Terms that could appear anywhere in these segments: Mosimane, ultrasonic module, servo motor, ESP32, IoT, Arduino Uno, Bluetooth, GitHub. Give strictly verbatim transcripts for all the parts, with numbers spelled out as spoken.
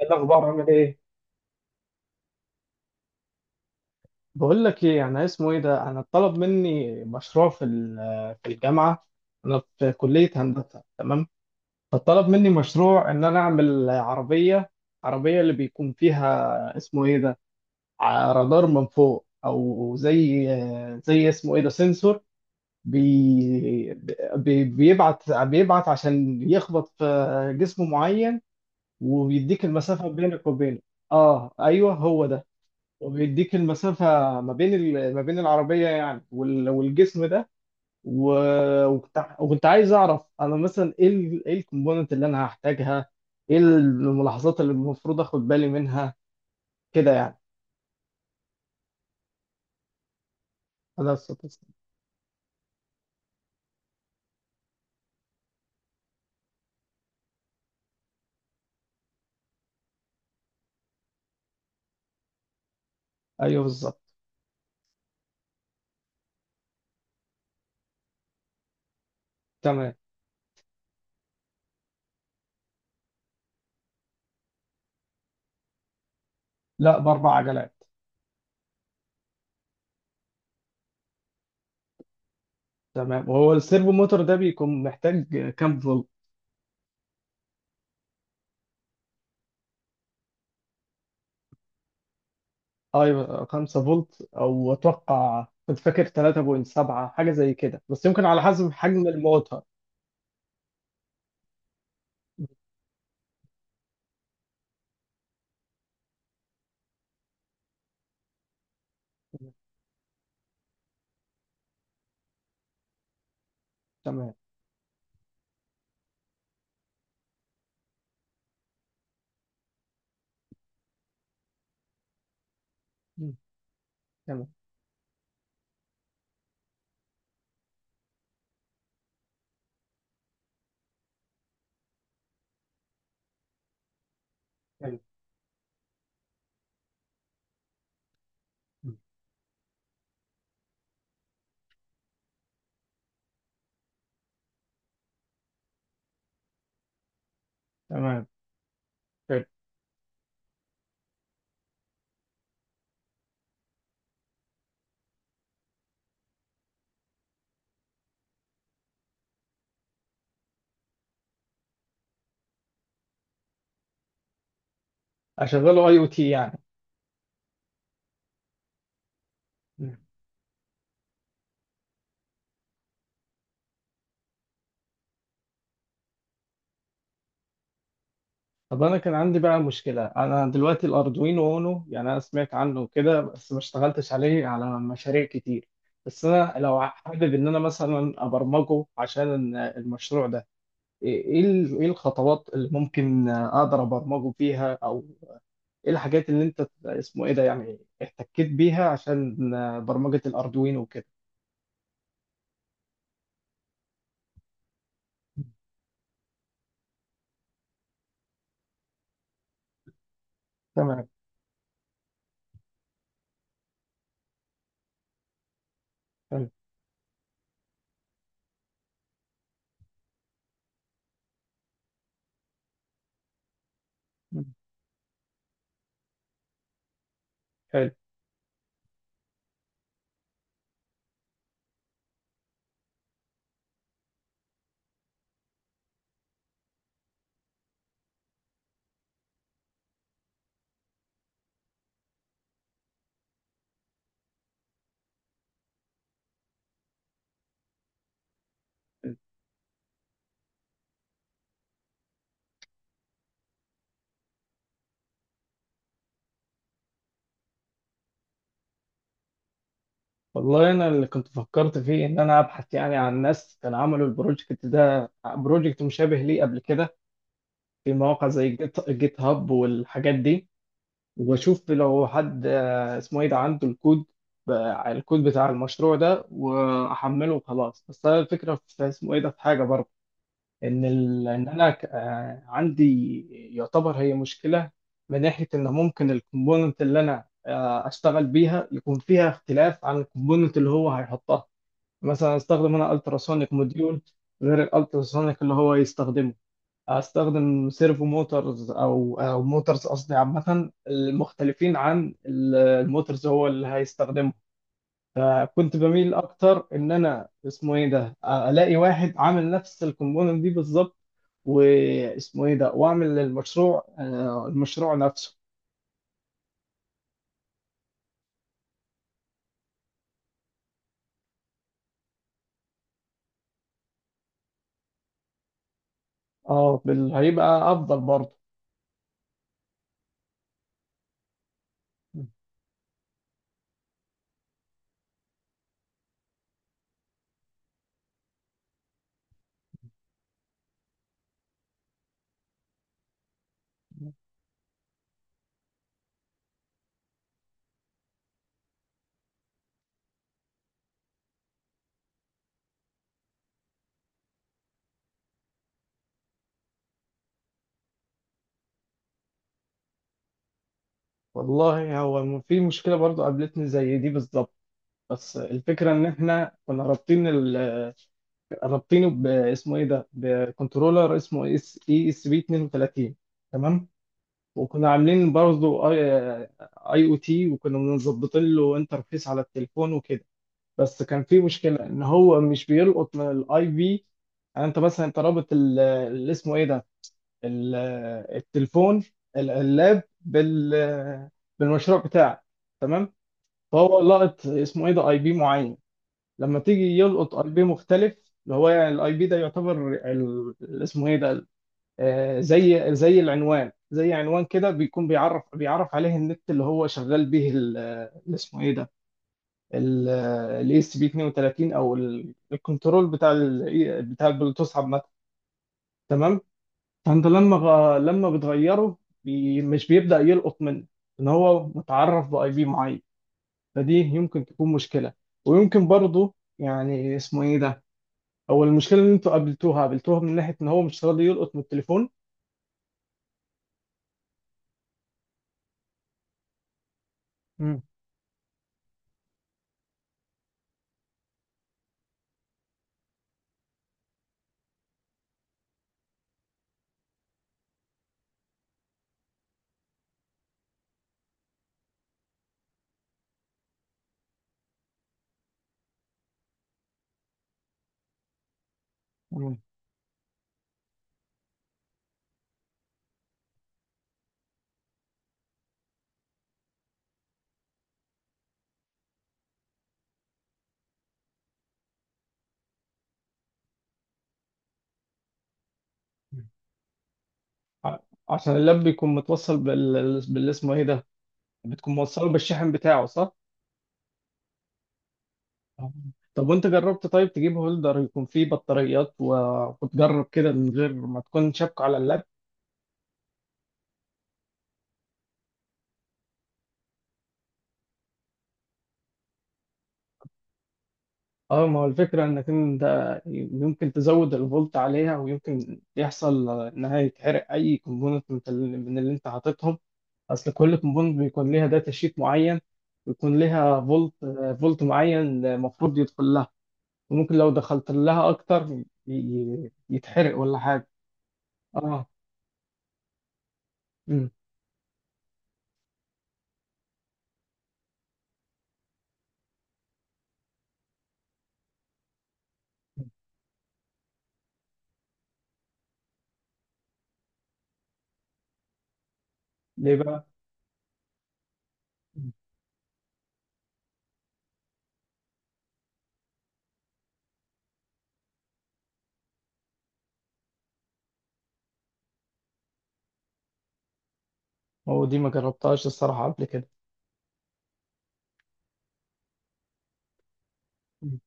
إيه الاخبار؟ عامل ايه؟ بقول لك ايه، انا اسمه ايه ده انا اتطلب مني مشروع في ال- في الجامعه. انا في كليه هندسه، تمام. فطلب مني مشروع ان انا اعمل عربيه، عربيه اللي بيكون فيها اسمه ايه ده ع- رادار من فوق، او زي زي اسمه ايه ده سنسور بي بي- بيبعت بيبعت عشان يخبط في جسم معين وبيديك المسافه بينك وبينه. اه، ايوه، هو ده. وبيديك المسافة ما بين ال- ما بين العربية، يعني وال- والجسم ده. و- وكنت وكنت عايز أعرف أنا مثلا إيه ال- إيه الكومبوننت اللي أنا هحتاجها، إيه الملاحظات اللي المفروض آخد بالي منها، كده يعني. هذا السطس. أيوه، بالظبط. تمام. لا، بأربع عجلات. تمام. وهو السيرفو موتور ده بيكون محتاج كام فولت؟ أيوه، خمسة فولت. أو أتوقع، كنت فاكر ثلاثة فاصلة سبعة حاجة زي كده، بس يمكن على حسب حجم الموتور. تمام. تمام. تمام. حلو. اشغله اي او تي، يعني. مم. طب انا كان عندي بقى مشكله. انا دلوقتي الاردوينو اونو، يعني انا سمعت عنه كده بس ما اشتغلتش عليه على مشاريع كتير. بس انا لو حابب ان انا مثلا ابرمجه عشان المشروع ده، ايه إيه ال- إيه الخطوات اللي ممكن اقدر ابرمجه فيها، او ايه الحاجات اللي انت اسمه ايه ده، يعني، احتكيت بيها عشان برمجه الاردوينو وكده؟ تمام. حلو. مم. حلو. والله انا اللي كنت فكرت فيه ان انا ابحث، يعني، عن ناس كانوا عملوا البروجكت ده، بروجكت مشابه ليه قبل كده، في مواقع زي جيت, جيت هاب والحاجات دي. واشوف لو حد آه، اسمه ايه ده عنده الكود، ب- الكود بتاع المشروع ده واحمله وخلاص. بس انا الفكره في اسمه ايه ده، في حاجه برضه، ان ال... ان انا ك- آه، عندي، يعتبر هي مشكله، من ناحيه ان ممكن الكومبوننت اللي انا آه، اشتغل بيها يكون فيها اختلاف عن الكومبوننت اللي هو هيحطها. مثلا استخدم انا التراسونيك موديول غير الالتراسونيك اللي هو يستخدمه. استخدم سيرفو موتورز او او موتورز قصدي، عامه، المختلفين عن ال- الموتورز هو اللي هيستخدمه. فكنت بميل اكتر ان انا اسمه ايه ده الاقي واحد عامل نفس الكومبوننت دي بالظبط، واسمه ايه ده واعمل المشروع آه، المشروع نفسه. اه، بال- هيبقى افضل برضه. والله هو في مشكله برضه قابلتني زي دي بالظبط. بس الفكرة إن إحنا كنا رابطين ال... رابطينه باسمه إيه ده؟ بكنترولر اسمه اس إي اس بي اتنين وتلاتين. تمام؟ وكنا عاملين برضه أي أي أو تي، وكنا مظبطين له انترفيس على التليفون وكده. بس كان في مشكلة إن هو مش بيلقط من الأي بي. يعني أنت مثلا، أنت رابط ال... اللي اسمه إيه ده؟ ال... التليفون، ال- اللاب، بال... بالمشروع بتاعك. تمام؟ فهو لقط اسمه إيه ده؟ أي بي معين. لما تيجي يلقط اي بي مختلف، اللي هو يعني الاي بي ده يعتبر ال- ال- اسمه ايه ده، آه، زي زي العنوان، زي عنوان كده، بيكون بيعرف بيعرف عليه النت اللي هو شغال به، ال- اللي اسمه ايه ده، الاي اس بي اتنين وتلاتين او ال- الكنترول بتاع ال بتاع البلوتوث، عامه. تمام. فانت لما غ- لما بتغيره، بي مش بيبدأ يلقط منه، ان هو متعرف باي بي معين. فدي يمكن تكون مشكله، ويمكن برضه، يعني، اسمه ايه ده، هو المشكله اللي انتوا قابلتوها قابلتوها من ناحيه ان هو مش راضي يلقط من التليفون. مم. مم. مم. ع- عشان اللاب بيكون متوصل بال بال- اسمه ايه ده، بتكون موصله بالشاحن بتاعه، صح؟ آه. طب وانت جربت؟ طيب تجيب هولدر يكون فيه بطاريات و- وتجرب كده من غير ما تكون شابكه على اللاب. اه، ما هو الفكره انك انت يمكن تزود الفولت عليها ويمكن يحصل انها يتحرق اي كومبوننت من ال- من اللي انت حاططهم. اصل كل كومبوند بيكون ليها داتا شيت معين، ويكون ليها فولت فولت معين المفروض يدخل لها، وممكن لو دخلت لها اكتر، ي- ي- يتحرق ولا حاجه. اه. أمم. ليه بقى؟ أمم. هو دي ما جربتهاش الصراحه قبل كده. أمم.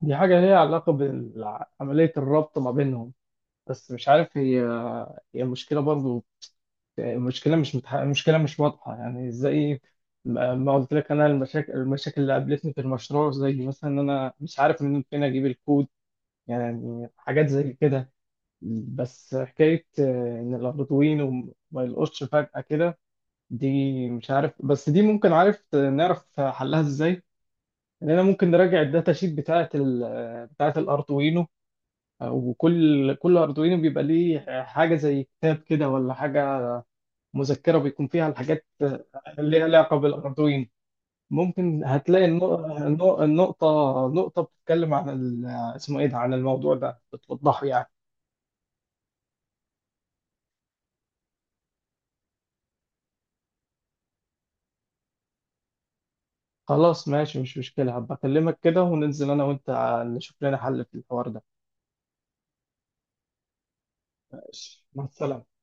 دي حاجه ليها علاقه بعمليه الربط ما بينهم، بس مش عارف، هي هي المشكله برضه. المشكله مش متح... المشكله مش واضحه، يعني، ازاي. ما ما قلت لك، انا المشاكل المشاكل اللي قابلتني في المشروع زي مثلا ان انا مش عارف من فين اجيب الكود، يعني حاجات زي كده. بس حكايه، آه، ان الاردوين وما يلقطش فجاه كده، دي مش عارف. بس دي ممكن، عارف، نعرف حلها ازاي. ان انا ممكن نراجع الداتا شيت بتاعه ال... بتاعه الاردوينو، وكل كل اردوينو بيبقى ليه حاجه زي كتاب كده ولا حاجه، مذكرة بيكون فيها الحاجات اللي ليها علاقة بالأردوين. ممكن هتلاقي النق- النق- النقطة نقطة بتتكلم عن ال- اسمه إيه ده، عن الموضوع ده، بتوضحه يعني. خلاص، ماشي، مش مشكلة. هبقى أكلمك كده وننزل أنا وأنت، نشوف لنا حل في الحوار ده. ماشي، مع السلامة.